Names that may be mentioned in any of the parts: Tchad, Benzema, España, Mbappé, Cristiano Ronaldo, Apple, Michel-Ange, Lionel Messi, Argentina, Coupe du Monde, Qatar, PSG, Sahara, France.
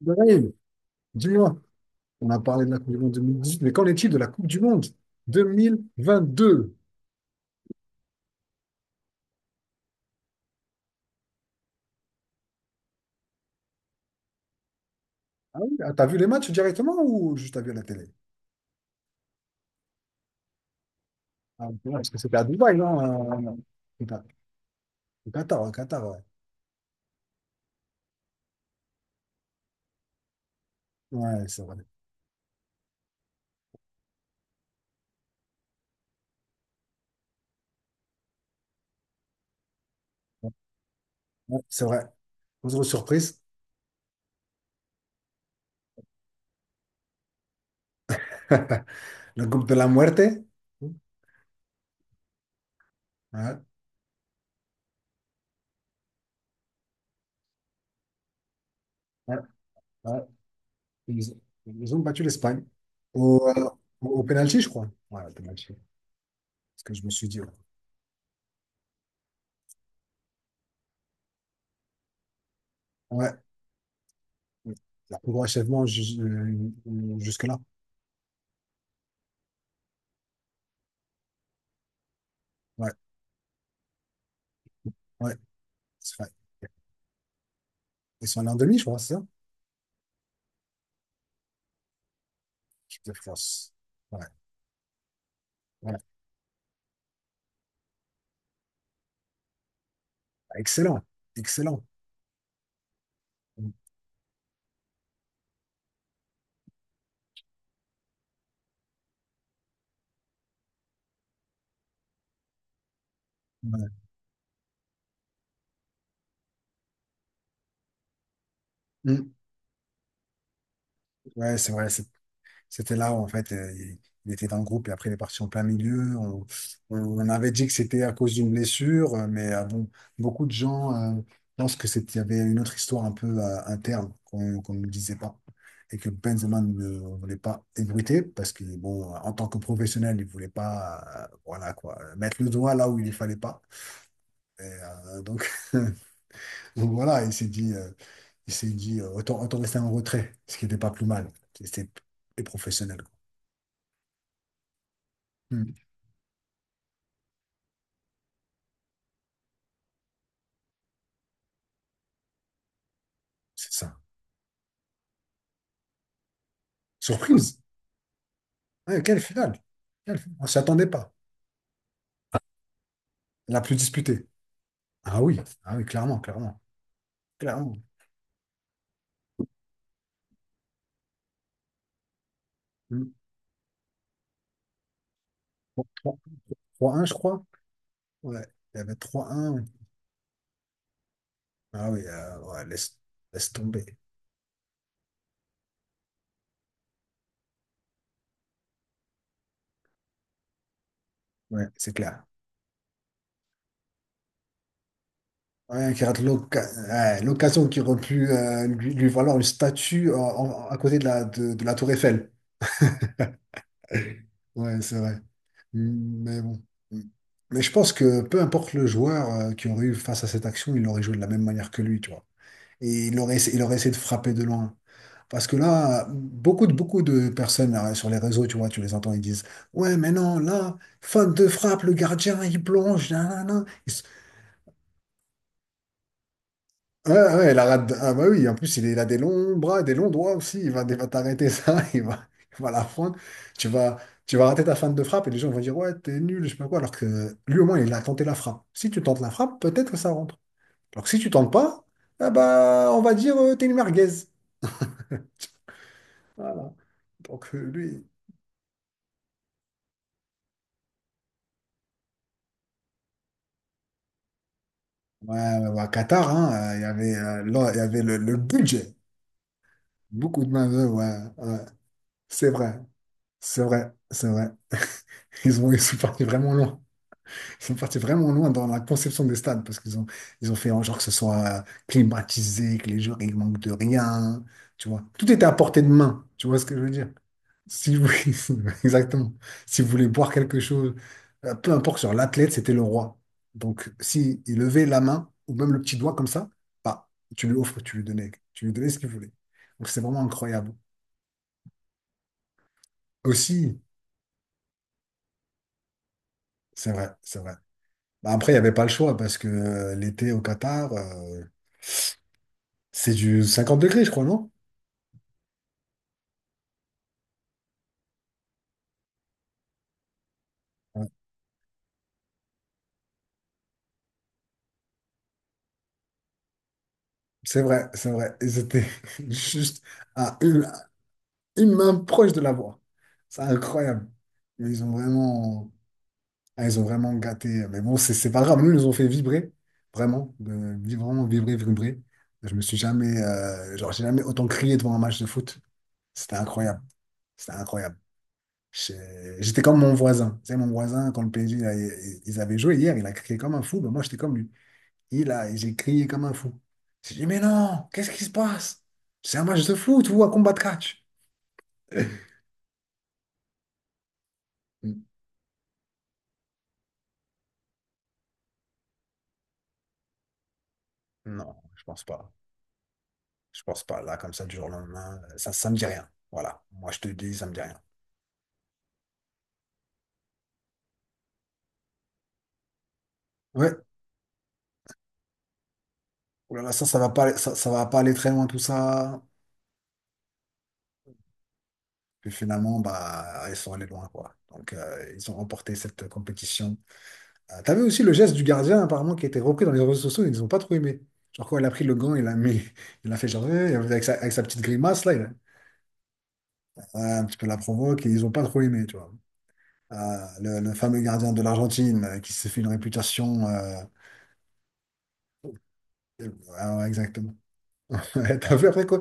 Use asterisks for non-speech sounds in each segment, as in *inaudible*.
Bref, dis-moi, on a parlé de la Coupe du Monde 2018, mais qu'en est-il de la Coupe du Monde 2022? Ah oui, ah, t'as vu les matchs directement ou juste t'as vu à la télé? Ah, ok, ouais, parce que c'était à Dubaï, non? euh, Au Qatar, au Qatar, ouais, Qatar, ouais. Ouais, c'est vrai. Ouais, c'est vrai. Autre surprise, *laughs* le groupe de la muerte. Ouais, ouais, ouais. Ils, ils ont battu l'Espagne au, euh, au, au penalty, je crois. Ouais, au penalty. C'est ce que je me suis dit. Ouais, ouais, oui. Leur plus gros jusque-là. Ouais, ouais, c'est vrai. Ils sont allés en demi, je crois, c'est ça? Équipe de France. Ouais, voilà. Excellent, excellent. Ouais, mm. Ouais, c'est vrai, c'est... C'était là où, en fait, il était dans le groupe et après, il est parti en plein milieu. On avait dit que c'était à cause d'une blessure, mais bon, beaucoup de gens pensent que c'était, il y avait une autre histoire un peu interne qu'on ne disait pas et que Benzema ne voulait pas ébruiter parce que, bon, en tant que professionnel, il voulait pas, voilà quoi, mettre le doigt là où il ne fallait pas. Et donc, *laughs* donc voilà, il s'est dit autant, autant rester en retrait, ce qui n'était pas plus mal. C'était plus professionnel, quoi. Hmm. C'est ça. Surprise! Ouais, quelle finale! Quelle finale. On s'y attendait pas. La plus disputée. Ah oui, ah oui, clairement, clairement. Clairement. Hmm. Bon, 3-1, je crois. Ouais, il y avait trois un. Ah oui, ouais, laisse, laisse tomber. Ouais, c'est clair. Ouais, qui rate ouais, l'occasion qui aurait pu lui, lui valoir une statue à côté de la tour Eiffel. *laughs* Ouais, c'est vrai. Hmm, mais bon. Hmm. Mais je pense que peu importe le joueur qui aurait eu face à cette action, il aurait joué de la même manière que lui, tu vois. Et il aurait, il aurait essayé de frapper de loin. Parce que là, beaucoup de personnes là, sur les réseaux, tu vois, tu les entends, ils disent, ouais, mais non, là, faute de frappe, le gardien, il plonge, nanana. Ils se-. Ouais, ouais, la rate. Ah, bah oui, en plus, il a des longs bras, des longs doigts aussi. Il va t'arrêter ça, *laughs* il va la prendre. Tu vas, tu vas rater ta fin de frappe et les gens vont dire, ouais, t'es nul, je sais pas quoi. Alors que lui, au moins, il a tenté la frappe. Si tu tentes la frappe, peut-être que ça rentre. Alors que si tu tentes pas, ah bah, on va dire, t'es une merguez. Voilà. Donc, lui. Ouais, ouais, ouais, Qatar, hein, il y avait, là, il y avait le budget. Beaucoup de main-d'œuvre, ouais, ouais. C'est vrai, c'est vrai, c'est vrai. Ils ont, ils sont partis vraiment loin. Ils sont partis vraiment loin dans la conception des stades parce qu'ils ont, ils ont fait en genre que ce soit climatisé, que les joueurs, ils manquent de rien. Tu vois, tout était à portée de main. Tu vois ce que je veux dire? Si vous, *laughs* exactement. Si vous voulez boire quelque chose, peu importe sur l'athlète, c'était le roi. Donc, si il levait la main ou même le petit doigt comme ça, bah, tu lui offres, tu lui donnais ce qu'il voulait. Donc, c'est vraiment incroyable. Aussi, c'est vrai, c'est vrai. Bah, après, il n'y avait pas le choix parce que l'été au Qatar, c'est du 50 degrés, je crois, non? Ouais. C'est vrai, c'est vrai. Ils étaient *laughs* juste à une main proche de la voie. C'est incroyable. Ils ont vraiment. Ah, ils ont vraiment gâté. Mais bon, c'est pas grave. Nous, ils nous ont fait vibrer. Vraiment. Vraiment vibrer, vibrer. Je me suis jamais, genre, j'ai jamais autant crié devant un match de foot. C'était incroyable. C'était incroyable. J'étais comme mon voisin. Tu sais, mon voisin, quand le PSG, là, ils avaient joué hier, il a crié comme un fou. Ben, moi, j'étais comme lui. Il a, j'ai crié comme un fou. J'ai dit, mais non, qu'est-ce qui se passe? C'est un match de foot ou un combat de catch? *laughs* N-. Non, je pense pas. Je pense pas. Là, comme ça, du jour au lendemain, ça, ça me dit rien. Voilà. Moi, je te dis, ça me dit rien. Ouais, oh là là, ça va pas, ça, ça va pas aller très loin tout ça. Puis finalement, bah, ils sont allés loin, quoi. Donc, ils ont remporté cette compétition. T'as aussi le geste du gardien, apparemment, qui a été repris dans les réseaux sociaux, ils n'ont pas trop aimé. Genre, quoi, il a pris le gant, il a mis, *laughs* il a fait genre, avec sa petite grimace, là, il a, ouais, un petit peu la provoque, et ils n'ont pas trop aimé, tu vois. Le fameux gardien de l'Argentine, qui s'est fait une réputation, ouais, ouais, exactement. Ouais, t'as vu après quoi?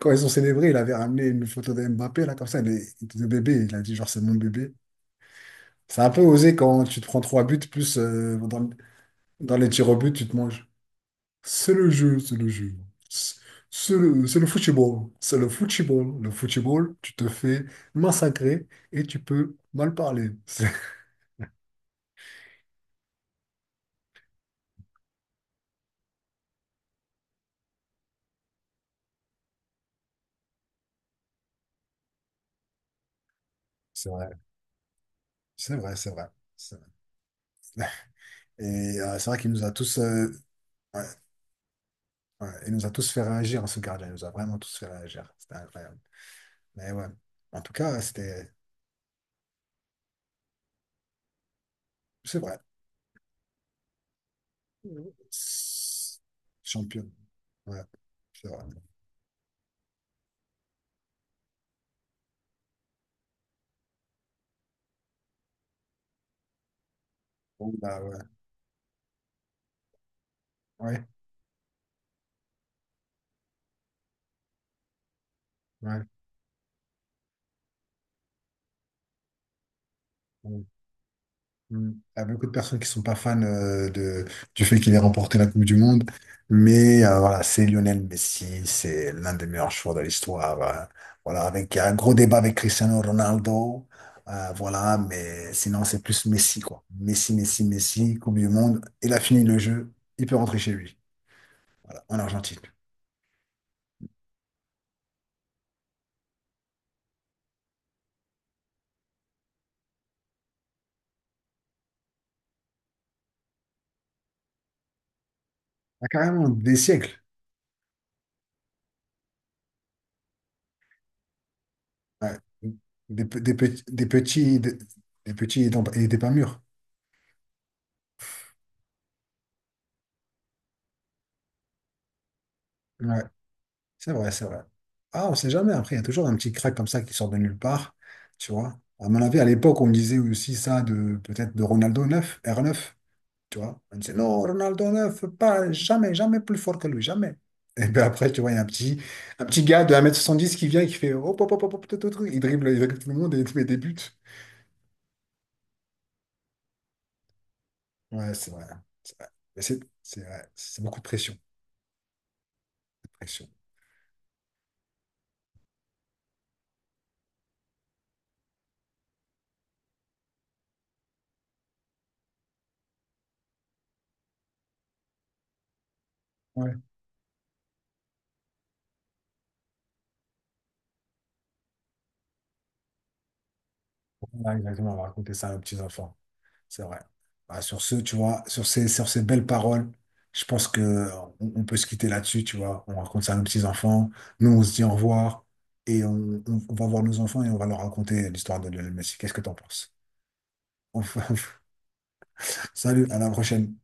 Quand ils ont célébré, il avait ramené une photo de Mbappé, là, comme ça, le, de bébé. Il a dit, genre, c'est mon bébé. C'est un peu osé quand tu te prends trois buts, plus dans, dans les tirs au but, tu te manges. C'est le jeu, c'est le jeu. C'est c'est le, c'est le football. C'est le football. Le football, tu te fais massacrer et tu peux mal parler. *laughs* C'est-. Vrai, c'est vrai, c'est vrai. C'est vrai. Et c'est vrai qu'il nous a tous, euh... Ouais, ouais. Il nous a tous fait réagir, hein, ce gardien. Il nous a vraiment tous fait réagir. C'était incroyable. Mais ouais. En tout cas, c'était... C'est vrai. C'est-. Champion. Ouais, c'est vrai. Bon, bah ouais. Ouais, ouais. Mm. Il y a beaucoup de personnes qui sont pas fans du fait qu'il ait remporté la Coupe du Monde. Mais voilà, c'est Lionel Messi, c'est l'un des meilleurs joueurs de l'histoire. Voilà, avec il y a un gros débat avec Cristiano Ronaldo. Voilà, mais sinon, c'est plus Messi, quoi. Messi, Messi, Messi, Coupe du Monde. Il a fini le jeu, il peut rentrer chez lui, voilà, en Argentine. Ah, carrément, des siècles. Ouais. Des, des, des petits et des pas mûrs. Ouais, c'est vrai, c'est vrai. Ah, on sait jamais. Après, il y a toujours un petit crack comme ça qui sort de nulle part, tu vois. À mon avis, à l'époque, on me disait aussi ça de peut-être de Ronaldo neuf, r neuf, tu vois. On disait non, Ronaldo 9 pas jamais, jamais plus fort que lui, jamais. Et puis après, tu vois, il y a un petit gars de un mètre soixante dix qui vient et qui fait hop, hop, hop, hop, hop, tout, tout, tout. Il dribble, il dribble tout le monde et il met des buts. Ouais, c'est vrai, c'est vrai. Mais c'est vrai, c'est beaucoup de pression. Pression. Ouais. Voilà, exactement, on va raconter ça aux petits-enfants. C'est vrai. Bah, sur ce, tu vois, sur ces belles paroles, je pense que on peut se quitter là-dessus, tu vois. On raconte ça à nos petits-enfants. Nous, on se dit au revoir et on, on va voir nos enfants et on va leur raconter l'histoire de Lionel Messi. Qu'est-ce que t'en penses? Enfin, *laughs* salut, à la prochaine.